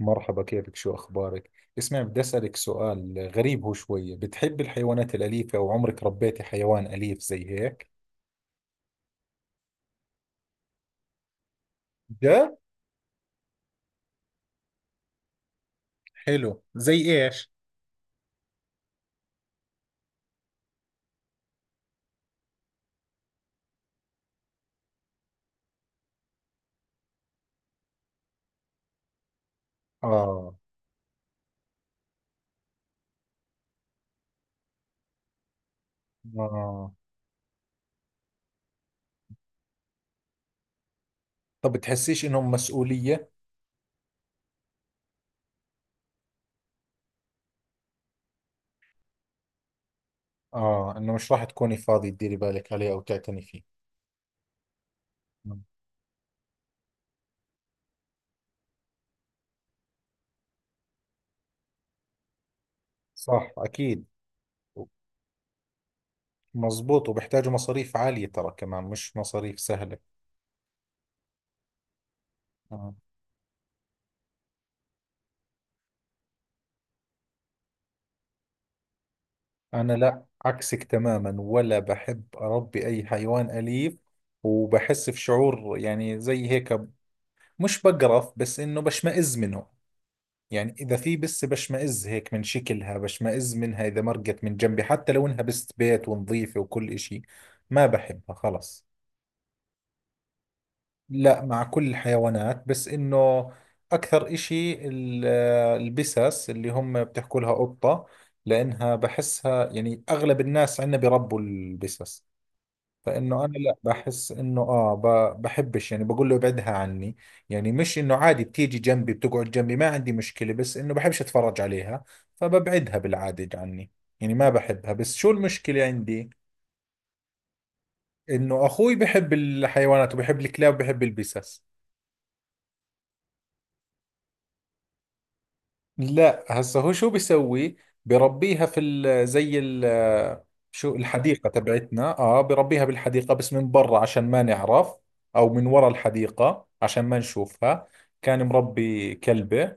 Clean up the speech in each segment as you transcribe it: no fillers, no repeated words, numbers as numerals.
مرحبا، كيفك؟ شو أخبارك؟ اسمع، بدي أسألك سؤال غريب. هو شوية بتحب الحيوانات الأليفة أو عمرك ربيتي حيوان أليف زي هيك؟ ده حلو. زي ايش؟ آه. آه. طب بتحسيش إنهم مسؤولية؟ آه، إنه مش راح تكوني فاضي تديري بالك عليه أو تعتني فيه. مم. صح، أكيد. مزبوط، وبيحتاجوا مصاريف عالية ترى، كمان مش مصاريف سهلة. آه. أنا لا، عكسك تماما، ولا بحب أربي أي حيوان أليف. وبحس في شعور يعني زي هيك، مش بقرف بس إنه بشمئز منه. يعني إذا في بس بشمئز هيك من شكلها، بشمئز منها إذا مرقت من جنبي حتى لو إنها بست بيت ونظيفة وكل إشي. ما بحبها خلص. لا، مع كل الحيوانات، بس إنه أكثر إشي البسس اللي هم بتحكوا لها قطة، لأنها بحسها. يعني أغلب الناس عندنا بيربوا البسس، فانه انا لا بحس انه اه بحبش، يعني بقول له ابعدها عني. يعني مش انه عادي بتيجي جنبي بتقعد جنبي ما عندي مشكلة، بس انه بحبش اتفرج عليها، فببعدها بالعادة عني. يعني ما بحبها. بس شو المشكلة عندي؟ انه اخوي بحب الحيوانات وبحب الكلاب وبحب البسس. لا، هسه هو شو بيسوي، بربيها في ال زي ال شو، الحديقة تبعتنا، اه بربيها بالحديقة بس من برا عشان ما نعرف، او من ورا الحديقة عشان ما نشوفها. كان مربي كلبة،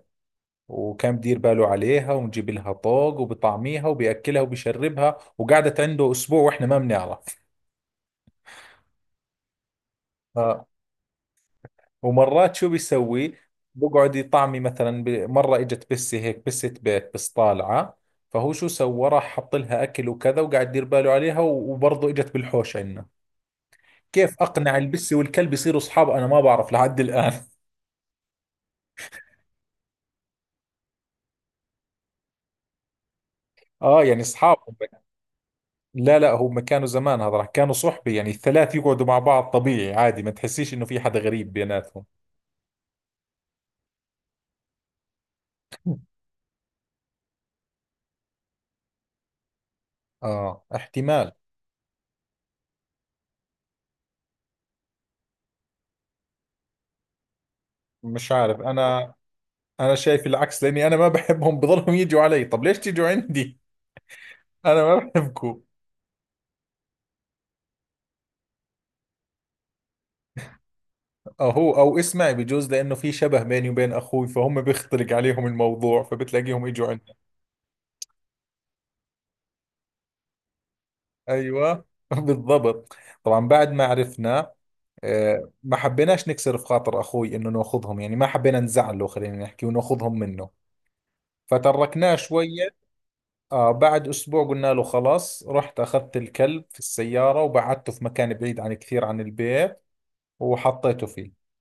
وكان بدير باله عليها ونجيب لها طوق وبطعميها وبيأكلها وبيشربها، وقعدت عنده اسبوع واحنا ما بنعرف. آه. ومرات شو بيسوي؟ بقعد يطعمي مثلا، مرة اجت بسة هيك، بسة بيت بس طالعة، فهو شو سوى، راح حط لها اكل وكذا وقاعد يدير باله عليها، وبرضه اجت بالحوش عندنا. كيف اقنع البسة والكلب يصيروا اصحاب؟ انا ما بعرف لحد الان. اه يعني اصحاب. لا، هم كانوا زمان، هذا راح، كانوا صحبة يعني. الثلاث يقعدوا مع بعض طبيعي عادي، ما تحسيش انه في حدا غريب بيناتهم. اه، احتمال. مش عارف انا. انا شايف العكس، لاني انا ما بحبهم بضلهم يجوا علي. طب ليش تيجوا عندي؟ انا ما بحبكم. اهو، او اسمعي، بجوز لانه في شبه بيني وبين اخوي، فهم بيختلق عليهم الموضوع فبتلاقيهم اجوا عندنا. ايوه بالضبط. طبعا بعد ما عرفنا، ما حبيناش نكسر في خاطر اخوي انه ناخذهم، يعني ما حبينا نزعله، خلينا نحكي وناخذهم منه، فتركناه شوية. آه، بعد أسبوع قلنا له خلاص، رحت أخذت الكلب في السيارة وبعدته في مكان بعيد عن كثير عن البيت، وحطيته فيه.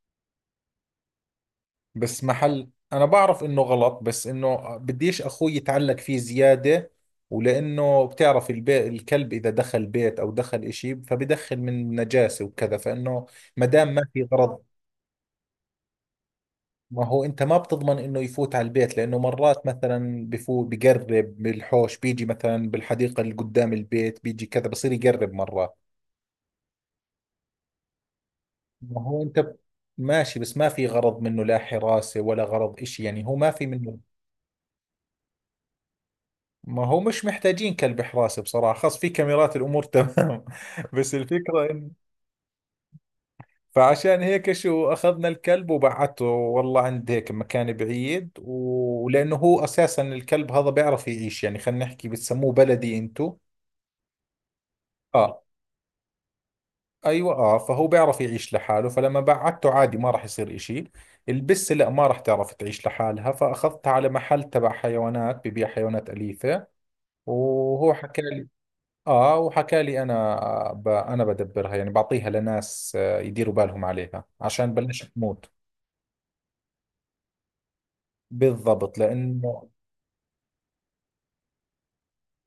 بس محل، انا بعرف انه غلط، بس انه بديش اخوي يتعلق فيه زيادة، ولانه بتعرف البيت، الكلب اذا دخل بيت او دخل اشي فبدخل من نجاسة وكذا، فانه ما دام ما في غرض. ما هو انت ما بتضمن انه يفوت على البيت، لانه مرات مثلا بفوت بقرب، بالحوش بيجي مثلا، بالحديقة اللي قدام البيت بيجي كذا، بصير يقرب مرات. ما هو انت، ماشي، بس ما في غرض منه، لا حراسة ولا غرض اشي، يعني هو ما في منه. ما هو مش محتاجين كلب حراسة بصراحة، خاص في كاميرات الأمور تمام بس الفكرة إن، فعشان هيك شو، أخذنا الكلب وبعته والله عند هيك مكان بعيد، ولأنه هو أساسا الكلب هذا بيعرف يعيش، يعني خلينا نحكي بتسموه بلدي أنتو. آه. أيوة، آه، فهو بيعرف يعيش لحاله، فلما بعته عادي ما راح يصير إشي. البسة لا، ما راح تعرف تعيش لحالها، فأخذتها على محل تبع حيوانات، ببيع حيوانات أليفة، وهو حكى، اه وحكى لي انا ب... انا بدبرها، يعني بعطيها لناس آه، يديروا بالهم عليها عشان بلاش تموت. بالضبط لانه،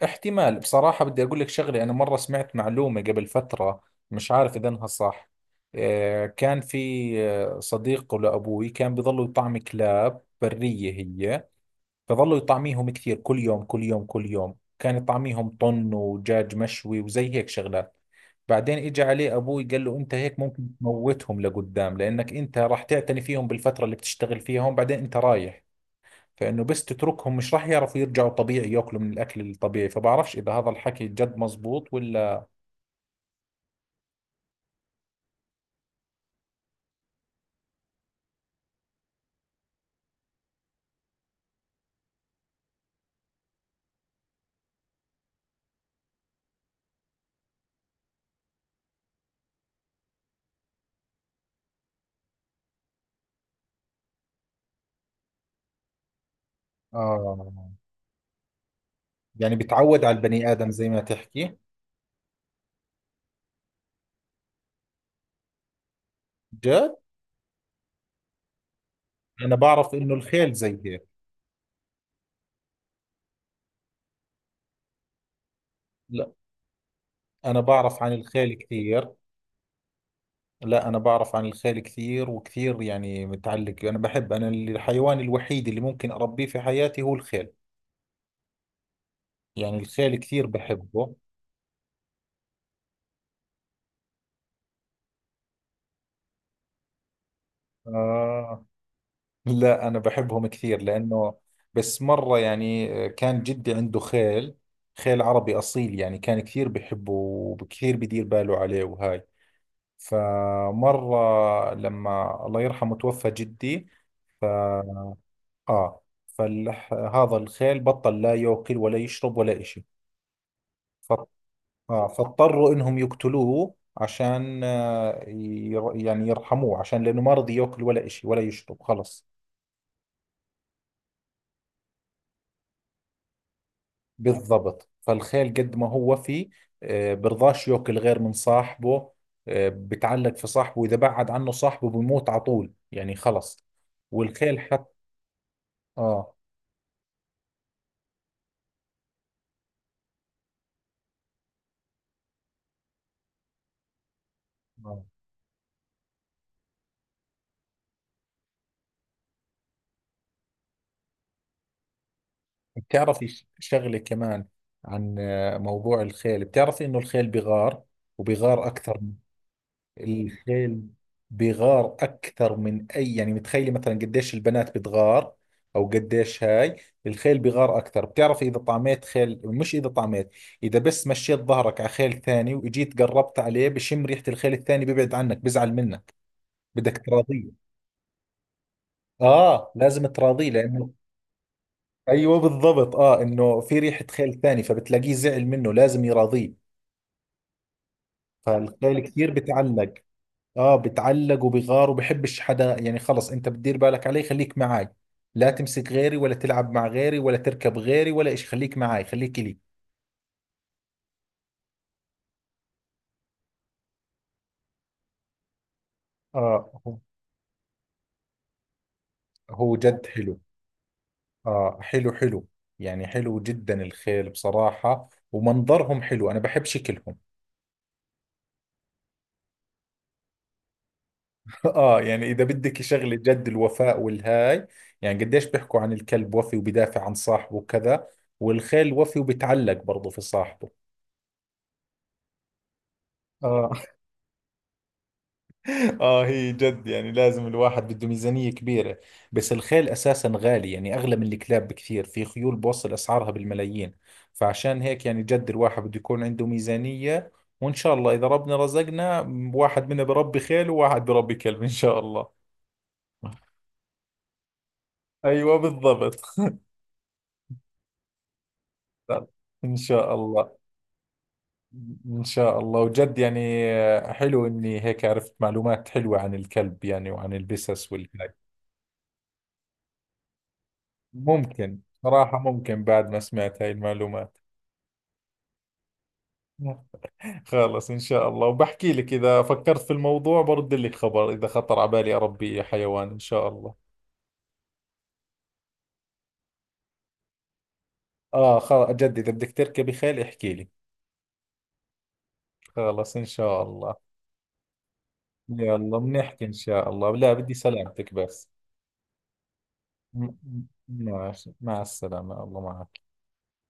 احتمال بصراحة. بدي اقول لك شغلة، انا مرة سمعت معلومة قبل فترة، مش عارف اذا انها صح. آه، كان في آه، صديق لابوي كان بيضلوا يطعم كلاب برية هي، فظلوا يطعميهم كثير، كل يوم كان يطعميهم طن ودجاج مشوي وزي هيك شغلات. بعدين اجى عليه ابوي قال له انت هيك ممكن تموتهم لقدام، لانك انت راح تعتني فيهم بالفتره اللي بتشتغل فيها هون، بعدين انت رايح، فانه بس تتركهم مش راح يعرفوا يرجعوا طبيعي ياكلوا من الاكل الطبيعي. فبعرفش اذا هذا الحكي جد مزبوط ولا. آه، يعني بتعود على البني آدم زي ما تحكي. جد؟ أنا بعرف إنه الخيل زي هيك. لا، أنا بعرف عن الخيل كثير. لا، أنا بعرف عن الخيل كثير وكثير، يعني متعلق. أنا بحب، أنا الحيوان الوحيد اللي ممكن أربيه في حياتي هو الخيل. يعني الخيل كثير بحبه. آه. لا أنا بحبهم كثير، لأنه بس مرة، يعني كان جدي عنده خيل، خيل عربي أصيل، يعني كان كثير بحبه وكثير بدير باله عليه وهاي. فمرة لما الله يرحمه توفى جدي، آه، فهذا الخيل بطل لا يأكل ولا يشرب ولا إشي. آه، فاضطروا انهم يقتلوه عشان آه ير، يعني يرحموه، عشان لانه ما رضي ياكل ولا اشي ولا يشرب، خلص. بالضبط. فالخيل قد ما هو وفي، آه برضاش ياكل غير من صاحبه. آه، بتعلق في صاحبه، واذا بعد عنه صاحبه بموت على طول، يعني خلص. والخيل حتى. اه. آه. بتعرفي شغلة كمان عن آه موضوع الخيل، بتعرفي انه الخيل بغار، وبغار اكثر. الخيل بيغار اكثر من اي، يعني متخيلي مثلا قديش البنات بتغار، او قديش هاي، الخيل بيغار اكثر. بتعرف اذا طعميت خيل، مش اذا طعميت، اذا بس مشيت ظهرك على خيل ثاني واجيت قربت عليه، بشم ريحة الخيل الثاني بيبعد عنك، بزعل منك، بدك تراضيه. اه، لازم تراضيه لانه، ايوه بالضبط، اه انه في ريحة خيل ثاني، فبتلاقيه زعل منه، لازم يراضيه. فالخيل كثير بتعلق، اه بتعلق وبغار وبحبش حدا، يعني خلص انت بتدير بالك عليه خليك معاي، لا تمسك غيري ولا تلعب مع غيري ولا تركب غيري ولا إشي، خليك معاي خليك إلي. اه هو، هو جد حلو. اه حلو، حلو، يعني حلو جدا الخيل بصراحة، ومنظرهم حلو، انا بحب شكلهم. اه، يعني اذا بدك شغلة جد الوفاء والهاي، يعني قديش بيحكوا عن الكلب وفي وبدافع عن صاحبه وكذا، والخيل وفي وبتعلق برضه في صاحبه. اه. اه، هي جد يعني لازم الواحد بده ميزانية كبيرة، بس الخيل اساسا غالي، يعني اغلى من الكلاب بكثير، في خيول بوصل اسعارها بالملايين، فعشان هيك يعني جد الواحد بده يكون عنده ميزانية. وان شاء الله اذا ربنا رزقنا، واحد منا بربي خيل وواحد بربي كلب ان شاء الله. ايوه بالضبط. ان شاء الله. ان شاء الله. وجد يعني حلو اني هيك عرفت معلومات حلوة عن الكلب يعني وعن البسس والهاي. ممكن صراحة، ممكن بعد ما سمعت هاي المعلومات. خلص إن شاء الله، وبحكي لك إذا فكرت في الموضوع برد لك خبر، إذا خطر على بالي أربي حيوان إن شاء الله. آه، خل... جد إذا بدك تركبي خيل احكي لي. خلص إن شاء الله. يلا بنحكي إن شاء الله، لا بدي سلامتك بس. ماشي، مع السلامة، الله معك.